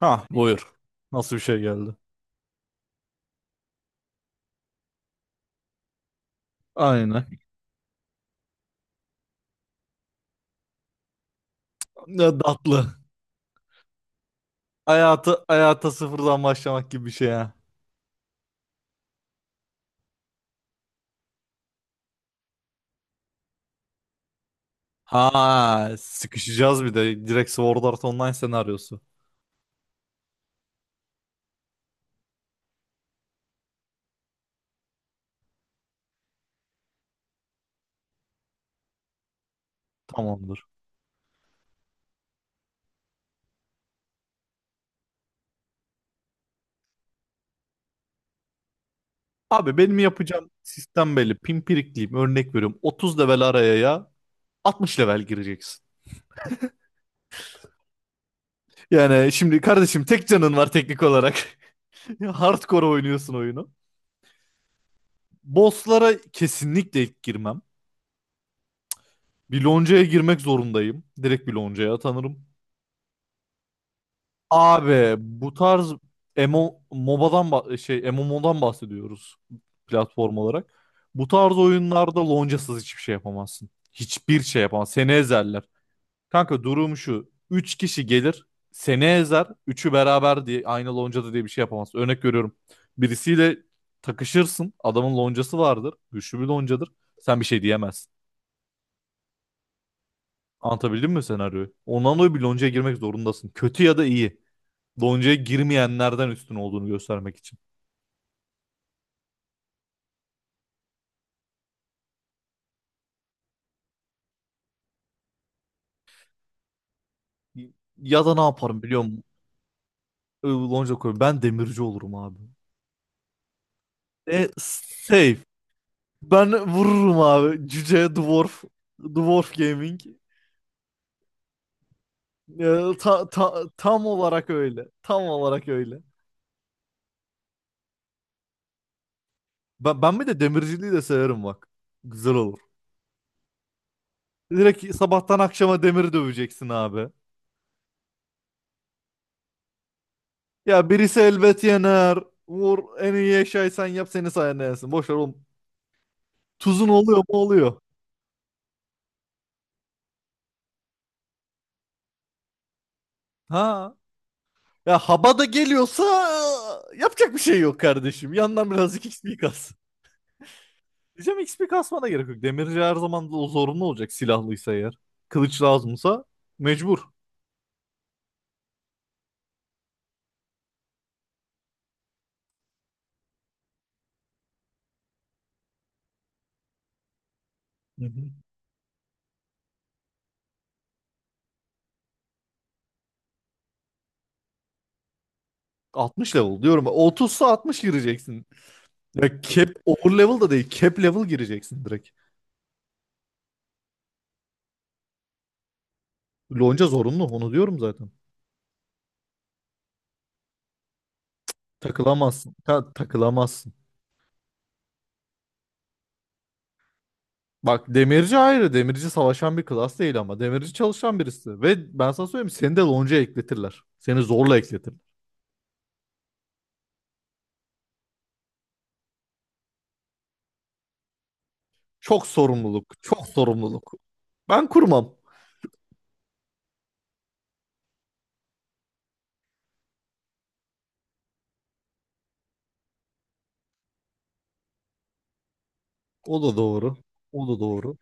Ha, buyur. Nasıl bir şey geldi? Aynen. Ne tatlı. Hayatı hayata sıfırdan başlamak gibi bir şey ha. Ha, sıkışacağız bir de. Direkt Sword Art Online senaryosu. Tamamdır. Abi benim yapacağım sistem belli. Pimpirikliyim. Örnek veriyorum. 30 level araya ya 60 level gireceksin. Yani şimdi kardeşim tek canın var teknik olarak. Hardcore oynuyorsun oyunu. Bosslara kesinlikle ilk girmem. Bir loncaya girmek zorundayım. Direkt bir loncaya atanırım. Abi bu tarz MMO, MOBA'dan ba- şey MMO'dan bahsediyoruz platform olarak. Bu tarz oyunlarda loncasız hiçbir şey yapamazsın. Hiçbir şey yapamazsın. Seni ezerler. Kanka durum şu. Üç kişi gelir seni ezer. Üçü beraber diye aynı loncada diye bir şey yapamazsın. Örnek veriyorum. Birisiyle takışırsın. Adamın loncası vardır. Güçlü bir loncadır. Sen bir şey diyemezsin. Anlatabildim mi senaryoyu? Ondan dolayı bir loncaya girmek zorundasın. Kötü ya da iyi. Lonca'ya girmeyenlerden üstün olduğunu göstermek için. Ya da ne yaparım biliyor musun? Lonca koyarım. Ben demirci olurum abi. E, safe. Ben vururum abi. Cüce Dwarf. Dwarf Gaming. Tam olarak öyle. Tam olarak öyle. Ben bir de demirciliği de severim bak. Güzel olur. Direkt sabahtan akşama demir döveceksin abi. Ya birisi elbet yener. Vur, en iyi eşyayı sen yap, seni sayende yensin. Boş ver oğlum. Tuzun oluyor mu, oluyor. Ha, ya Habada geliyorsa yapacak bir şey yok kardeşim. Yandan birazcık XP kas. Diyeceğim XP kasmana gerek yok. Demirci her zaman da o zorunlu olacak silahlıysa eğer. Kılıç lazımsa mecbur. Hı hı. 60 level diyorum. Otuzsa 60 gireceksin. Ya cap over level da değil. Cap level gireceksin direkt. Lonca zorunlu, onu diyorum zaten. Takılamazsın. Takılamazsın. Bak demirci ayrı. Demirci savaşan bir klas değil ama. Demirci çalışan birisi. Ve ben sana söyleyeyim, seni de lonca ekletirler. Seni zorla ekletirler. Çok sorumluluk. Çok sorumluluk. Ben kurmam. O da doğru. O da doğru.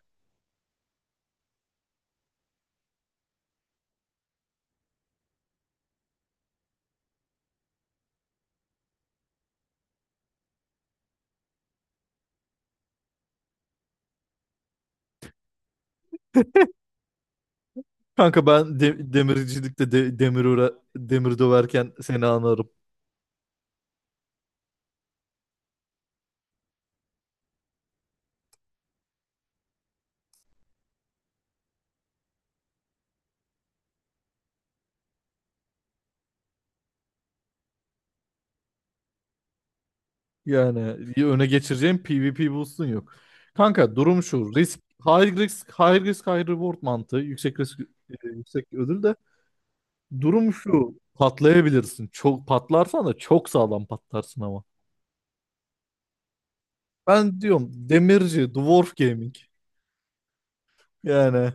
Kanka demircilikte demir döverken seni anarım. Yani öne geçireceğim PvP boost'un yok. Kanka durum şu. High risk, high reward mantığı. Yüksek risk, yüksek ödül de. Durum şu. Patlayabilirsin. Çok patlarsan da çok sağlam patlarsın ama. Ben diyorum demirci, dwarf gaming. Yani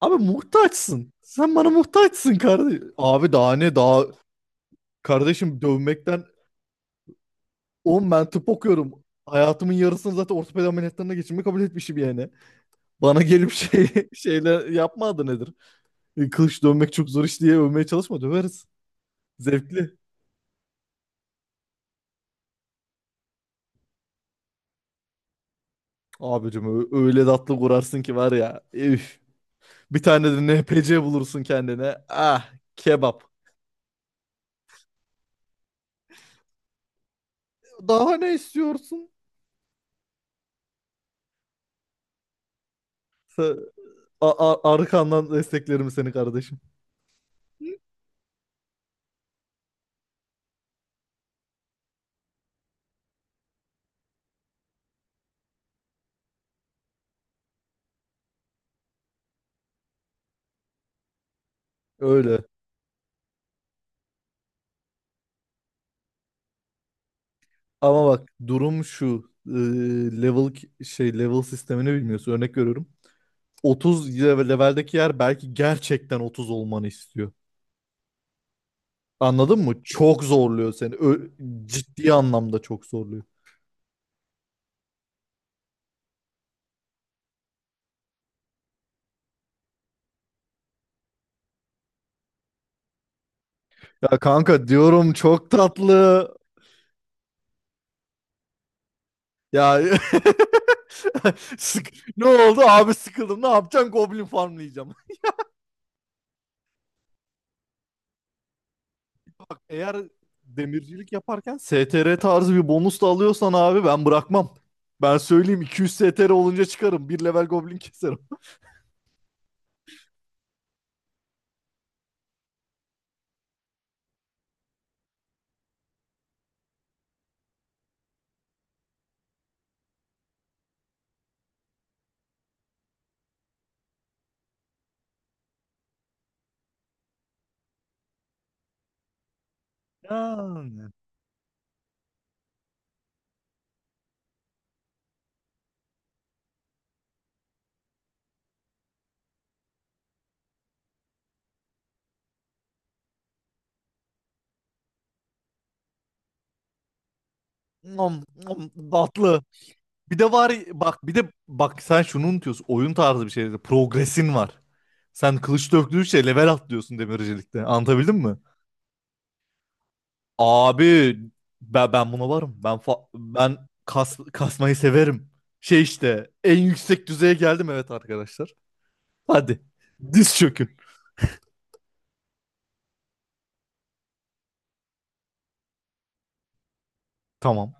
abi muhtaçsın. Sen bana muhtaçsın kardeşim. Abi daha ne daha kardeşim dövmekten 10 ben tıp okuyorum. Hayatımın yarısını zaten ortopedi ameliyatlarına geçirmeyi kabul etmişim yani. Bana gelip şey şeyler yapma adı nedir? Kılıç dövmek çok zor iş diye övmeye çalışma, döveriz. Zevkli. Abicim öyle tatlı kurarsın ki var ya. Üf. Bir tane de NPC bulursun kendine. Ah kebap. Daha ne istiyorsun? Sa- Arkandan desteklerim seni kardeşim. Öyle. Ama bak durum şu. Level level sistemini bilmiyorsun. Örnek veriyorum. Leveldeki yer belki gerçekten 30 olmanı istiyor. Anladın mı? Çok zorluyor seni. Ciddi anlamda çok zorluyor. Ya kanka diyorum çok tatlı. Ya Sık- ne oldu abi, sıkıldım. Ne yapacağım? Goblin farmlayacağım. Bak eğer demircilik yaparken STR tarzı bir bonus da alıyorsan abi ben bırakmam. Ben söyleyeyim, 200 STR olunca çıkarım. Bir level goblin keserim. Yani. Nom, nom, tatlı. Bir de var bak, bir de bak, sen şunu unutuyorsun. Oyun tarzı bir şeyde progresin var. Sen kılıç döktüğünce level atlıyorsun demircilikte. Anlatabildim mi? Abi ben buna varım. Ben kasmayı severim. Şey işte en yüksek düzeye geldim evet arkadaşlar. Hadi. Diz çökün. Tamam.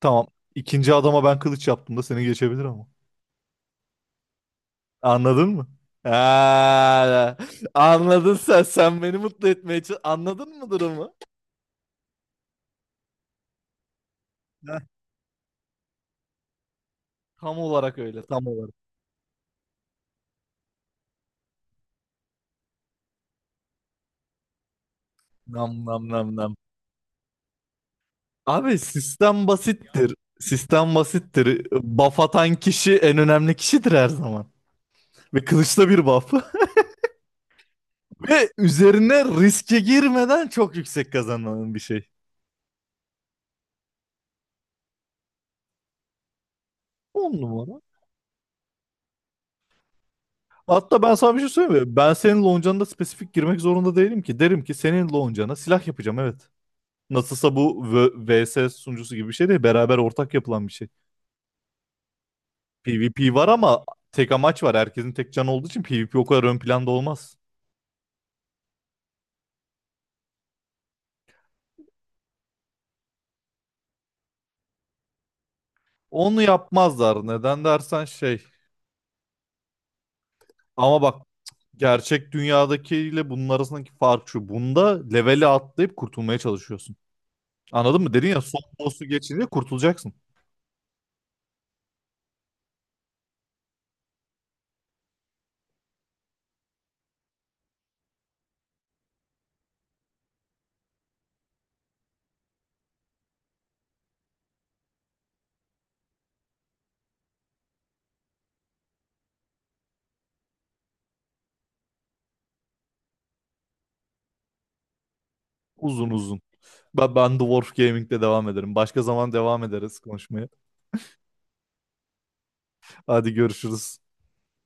Tamam. İkinci adama ben kılıç yaptım da seni geçebilir ama. Anladın mı? Ha, anladın sen. Sen beni mutlu etmeye anladın mı durumu? Heh, tam olarak öyle. Tam olarak. Nam nam nam nam. Abi sistem basittir. Sistem basittir. Buff atan kişi en önemli kişidir her zaman. Ve kılıçta bir buff. Ve üzerine riske girmeden çok yüksek kazanılan bir şey. On numara. Hatta ben sana bir şey söyleyeyim mi? Ben senin loncanına da spesifik girmek zorunda değilim ki. Derim ki senin loncana silah yapacağım evet. Nasılsa bu VS sunucusu gibi bir şey değil. Beraber ortak yapılan bir şey. PvP var ama tek amaç var. Herkesin tek canı olduğu için PvP o kadar ön planda olmaz. Onu yapmazlar. Neden dersen şey. Ama bak, gerçek dünyadakiyle bunun arasındaki fark şu. Bunda leveli atlayıp kurtulmaya çalışıyorsun. Anladın mı? Dedin ya, son boss'u geçince kurtulacaksın. Uzun uzun. Ben Dwarf Gaming'de devam ederim. Başka zaman devam ederiz konuşmaya. Hadi görüşürüz.